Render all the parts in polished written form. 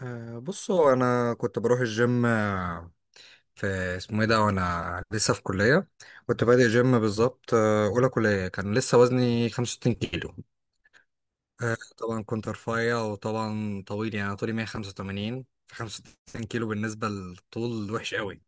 بص، هو انا كنت بروح الجيم في اسمه ايه ده، وانا لسه في كليه. كنت بادئ جيم بالظبط، اولى كليه كان لسه وزني 65 كيلو. طبعا كنت رفيع وطبعا طويل، يعني أنا طولي 185، ف 65 كيلو بالنسبه للطول وحش قوي.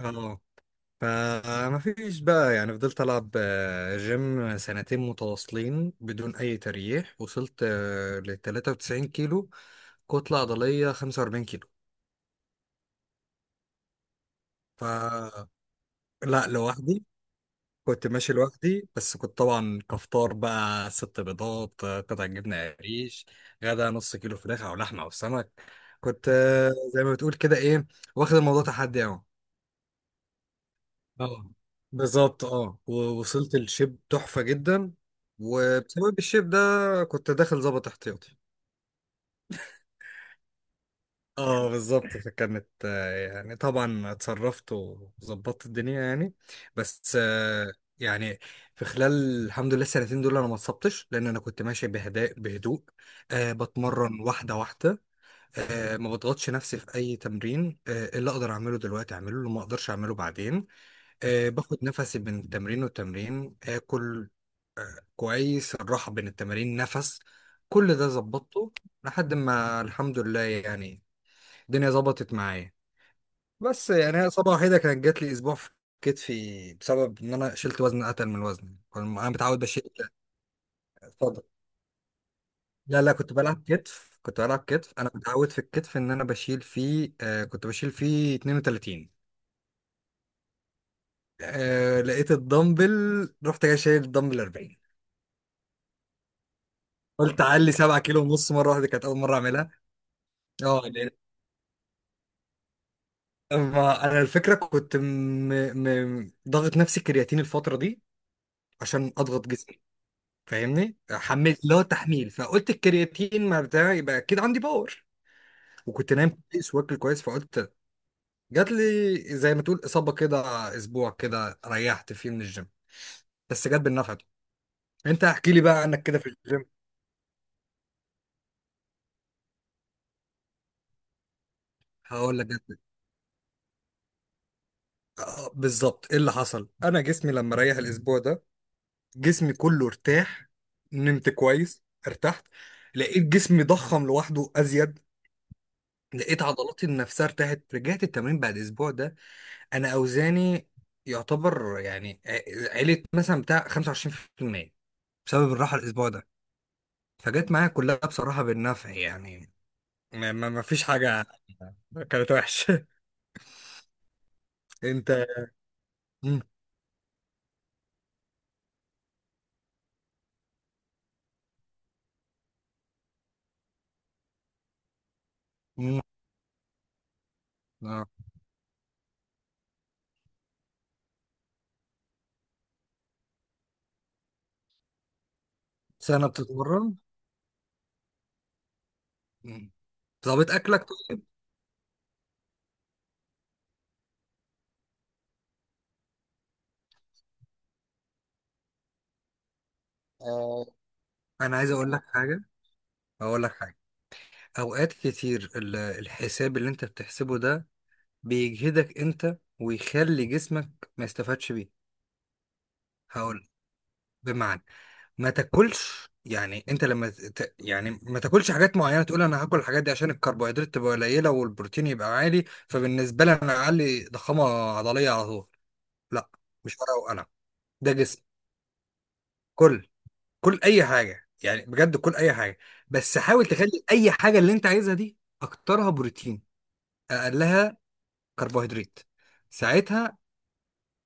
اه، فما فيش بقى، يعني فضلت العب جيم سنتين متواصلين بدون اي تريح، وصلت ل 93 كيلو، كتله عضليه 45 كيلو. ف لا، لوحدي. كنت ماشي لوحدي، بس كنت طبعا كفطار بقى ست بيضات، قطع جبنة قريش، غدا نص كيلو فراخ أو لحمة أو سمك. كنت زي ما بتقول كده إيه، واخد الموضوع تحدي أهو. اه بالظبط، اه، ووصلت الشيب تحفة جدا. وبسبب الشيب ده كنت داخل ظابط احتياطي. اه بالظبط، فكانت يعني طبعا اتصرفت وظبطت الدنيا يعني. بس آه، يعني في خلال الحمد لله السنتين دول انا ما اتصبتش، لان انا كنت ماشي بهداء بهدوء. أه، بتمرن واحده واحده. أه، ما بضغطش نفسي في اي تمرين، أه اللي اقدر اعمله دلوقتي اعمله، اللي ما اقدرش اعمله بعدين. أه، باخد نفسي بين تمرين والتمرين، اكل كويس، الراحه بين التمارين، نفس. كل ده ظبطته لحد ما الحمد لله يعني الدنيا ظبطت معايا. بس يعني هي اصابه وحيده كانت جات لي اسبوع في كتفي، بسبب ان انا شلت وزن اتقل من الوزن كنت انا متعود بشيل. اتفضل. لا لا، كنت بلعب كتف، انا متعود في الكتف ان انا بشيل فيه، آه كنت بشيل فيه 32. آه، لقيت الدمبل، رحت جاي شايل الدمبل 40. قلت اعلي 7 كيلو ونص مره واحده، كانت اول مره اعملها. اه لأن- أما انا الفكره كنت ضاغط نفسي كرياتين الفتره دي عشان اضغط جسمي. فاهمني، حملت اللي هو تحميل، فقلت الكرياتين ما بتاع يبقى اكيد عندي باور. وكنت نايم كويس واكل كويس، فقلت جات لي زي ما تقول اصابه كده، اسبوع كده ريحت فيه من الجيم. بس جت بالنفع ده. انت احكي لي بقى عنك كده في الجيم. هقول لك جت، بالظبط. ايه اللي حصل، انا جسمي لما ريح الاسبوع ده جسمي كله ارتاح، نمت كويس، ارتحت، لقيت جسمي ضخم لوحده ازيد، لقيت عضلاتي نفسها ارتاحت، رجعت التمرين بعد اسبوع ده انا اوزاني يعتبر يعني عيلة مثلا بتاع 25% بسبب الراحة الاسبوع ده. فجت معايا كلها بصراحة بالنفع يعني. ما فيش حاجة كانت وحشة. انت. مم. مم. آه. سنة بتتمرن. مم. ظابط اكلك؟ طيب. آه. انا عايز اقول لك حاجة، اقول لك حاجة. اوقات كتير الحساب اللي انت بتحسبه ده بيجهدك انت، ويخلي جسمك ما يستفادش بيه. هقول بمعنى، ما تاكلش. يعني انت لما يعني ما تاكلش حاجات معينه، تقول انا هاكل الحاجات دي عشان الكربوهيدرات تبقى قليله والبروتين يبقى عالي، فبالنسبه لي انا اعلي ضخامه عضليه على طول. لا، مش ورقه وقلم، ده جسم. كل كل اي حاجه، يعني بجد كل اي حاجه، بس حاول تخلي اي حاجه اللي انت عايزها دي اكترها بروتين، اقلها كربوهيدرات. ساعتها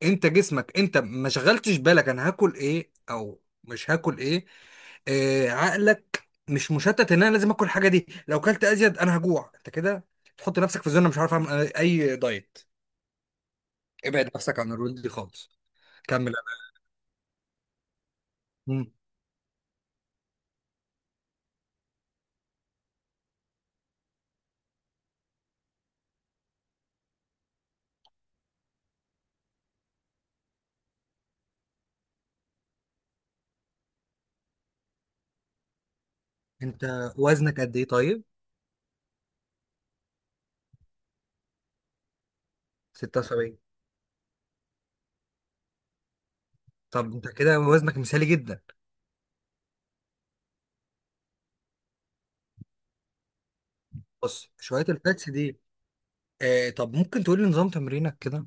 انت جسمك، انت ما شغلتش بالك انا هاكل ايه او مش هاكل ايه. آه، عقلك مش مشتت ان انا لازم اكل الحاجه دي، لو كلت ازيد انا هجوع. انت كده تحط نفسك في زونه مش عارف اعمل اي دايت. ابعد نفسك عن الرول دي خالص. كمل انا. مم. انت وزنك قد ايه طيب؟ 76. طب انت كده وزنك مثالي جدا. بص شويه الفاتس دي. آه، طب ممكن تقول لي نظام تمرينك كده؟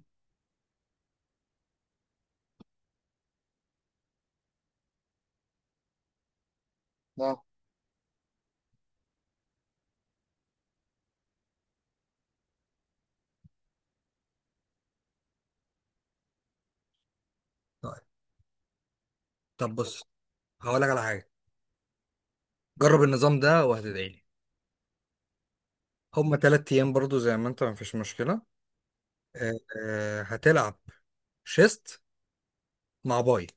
نعم. طيب. طب بص، هقول لك على حاجه، جرب النظام ده وهتدعي لي. هما تلات أيام برضو زي ما أنت، مفيش مشكلة. آه، هتلعب شيست مع باي.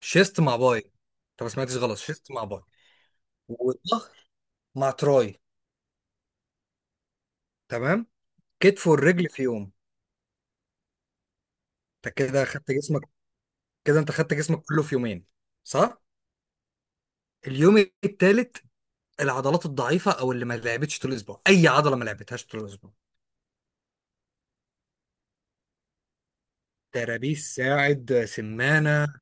شيست مع باي. أنت ما سمعتش غلط، شيست مع باي. والظهر مع تراي. تمام. كتف والرجل في يوم. أنت كده خدت جسمك، كده أنت خدت جسمك كله في يومين. صح؟ اليوم التالت العضلات الضعيفة، أو اللي ما لعبتش طول الأسبوع، أي عضلة ما لعبتهاش طول الأسبوع، ترابيس، ساعد، سمانة،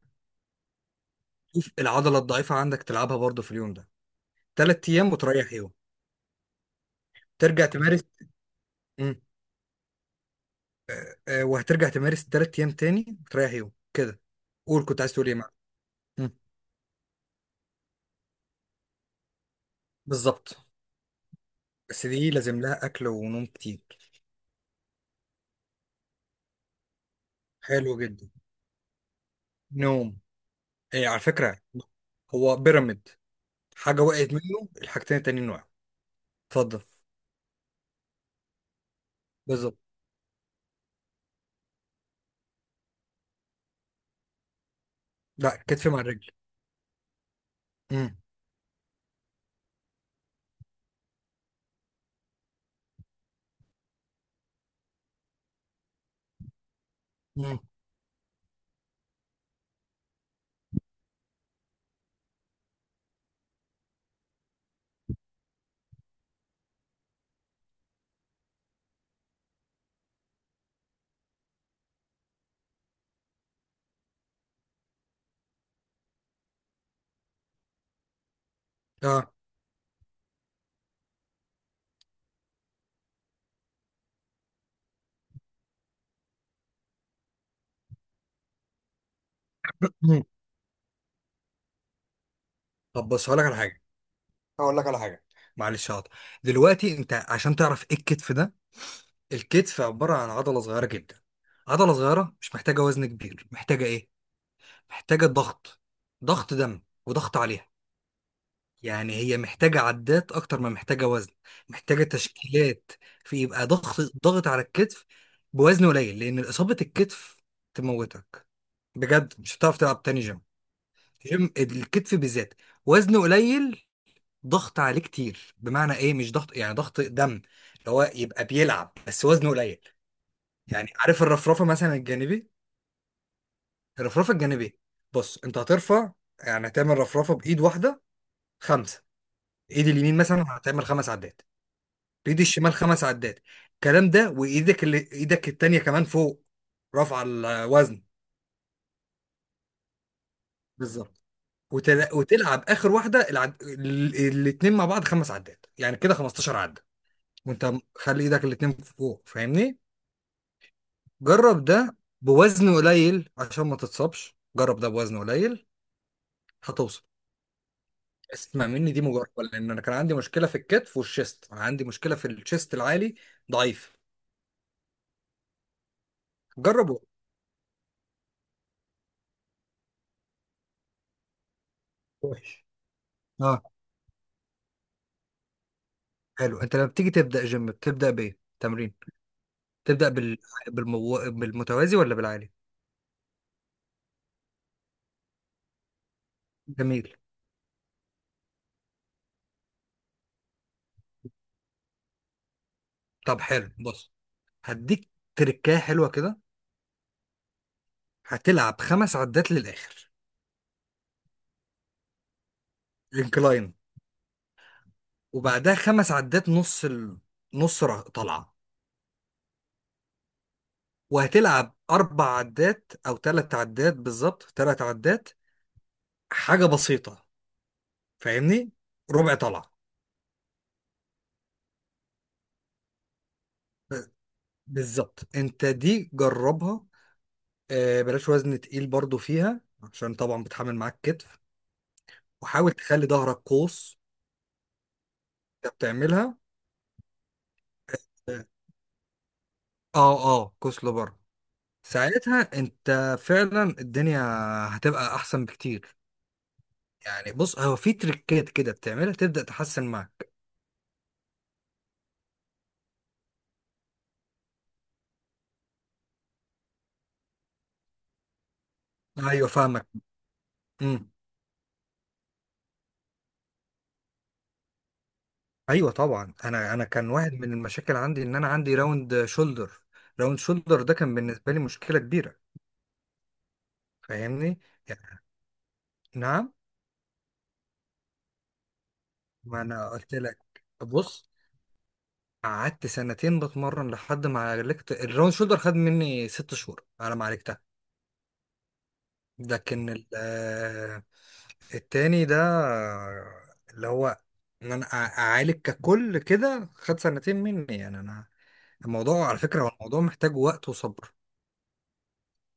شوف العضلة الضعيفة عندك تلعبها برضو في اليوم ده. تلات أيام وتريح يوم ترجع تمارس، وهترجع تمارس تلات ايام تاني وتريح يوم كده. قول، كنت عايز تقول ايه معاك؟ مم. بالظبط. بس دي لازم لها اكل ونوم كتير. حلو جدا. نوم. ايه على فكره، هو بيراميد، حاجه وقعت منه، الحاجتين التانيين وقعوا. اتفضل. بالظبط، لا، كتف مع الرجل. امم امم اه مم. طب بص، هقول لك على حاجه، هقول لك على حاجه، معلش هقطع. دلوقتي انت عشان تعرف ايه الكتف ده، الكتف عباره عن عضله صغيره جدا، عضله صغيره مش محتاجه وزن كبير، محتاجه ايه، محتاجة ضغط، ضغط دم وضغط عليها. يعني هي محتاجة عدات أكتر ما محتاجة وزن، محتاجة تشكيلات، في يبقى ضغط ضغط على الكتف بوزن قليل، لأن إصابة الكتف تموتك، بجد مش هتعرف تلعب تاني جيم. جيم الكتف بالذات وزن قليل، ضغط عليه كتير. بمعنى إيه مش ضغط، يعني ضغط دم، اللي هو يبقى بيلعب بس وزنه قليل. يعني عارف الرفرفة مثلا الجانبي، الرفرفة الجانبي، بص أنت هترفع، يعني هتعمل رفرفة بإيد واحدة. خمسة، ايد اليمين مثلا هتعمل خمس عدات، بايد الشمال خمس عدات، الكلام ده وايدك اللي ايدك التانية كمان فوق، رفع الوزن، بالظبط. وتلعب اخر واحده، الاتنين مع بعض خمس عدات، يعني كده 15 عده، وانت خلي ايدك الاتنين فوق فاهمني. جرب ده بوزن قليل عشان ما تتصابش، جرب ده بوزن قليل هتوصل. اسمع مني دي مجربه، لان انا كان عندي مشكله في الكتف والشيست، انا عندي مشكله في الشيست العالي ضعيف. جربه. وحش. حلو، انت لما بتيجي تبدا جيم بتبدا بايه تمرين؟ تبدا بال... بالمتوازي ولا بالعالي؟ جميل. طب حلو، بص، هديك تركايه حلوه كده، هتلعب خمس عدات للاخر. انكلاين. وبعدها خمس عدات نص طلعه. وهتلعب اربع عدات او ثلاث عدات، بالظبط ثلاث عدات، حاجه بسيطه فاهمني، ربع طلعه. بالظبط، انت دي جربها. بلاش وزن تقيل برضو فيها، عشان طبعا بتحمل معاك كتف. وحاول تخلي ظهرك قوس. انت بتعملها؟ اه اه، قوس لبره. ساعتها انت فعلا الدنيا هتبقى احسن بكتير. يعني بص، هو في تريكات كده بتعملها تبدأ تحسن معاك. ايوه فاهمك. امم. ايوه طبعا، انا كان واحد من المشاكل عندي ان انا عندي راوند شولدر، راوند شولدر ده كان بالنسبه لي مشكله كبيره، فاهمني، يعني، نعم. ما انا قلت لك، بص، قعدت سنتين بتمرن لحد ما عالجت الراوند شولدر، خد مني 6 شهور على ما عالجت. لكن التاني ده، اللي هو ان انا اعالج ككل كده خد سنتين مني، يعني انا الموضوع على فكرة، هو الموضوع محتاج وقت وصبر.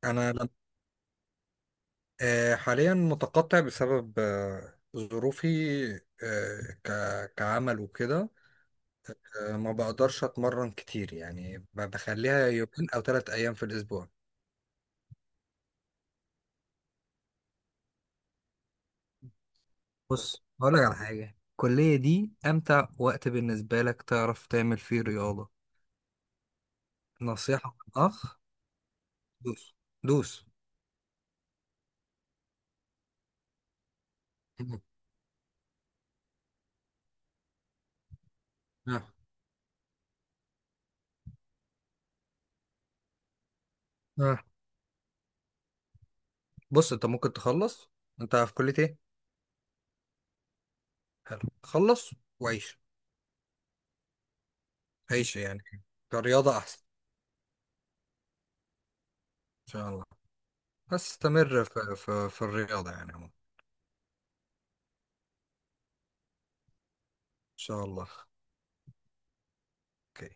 انا لم- حاليا متقطع بسبب ظروفي، كعمل وكده. ما بقدرش اتمرن كتير، يعني بخليها يومين او ثلاث ايام في الاسبوع. بص هقولك على حاجة، الكلية دي أمتع وقت بالنسبة لك تعرف تعمل فيه رياضة. نصيحة من أخ. دوس. دوس. مم. آه. آه. بص أنت ممكن تخلص، أنت في كلية إيه؟ حلو، خلص وعيش. عيش يعني كرياضة أحسن. إن شاء الله. بس استمر في الرياضة يعني عموما. إن شاء الله. أوكي.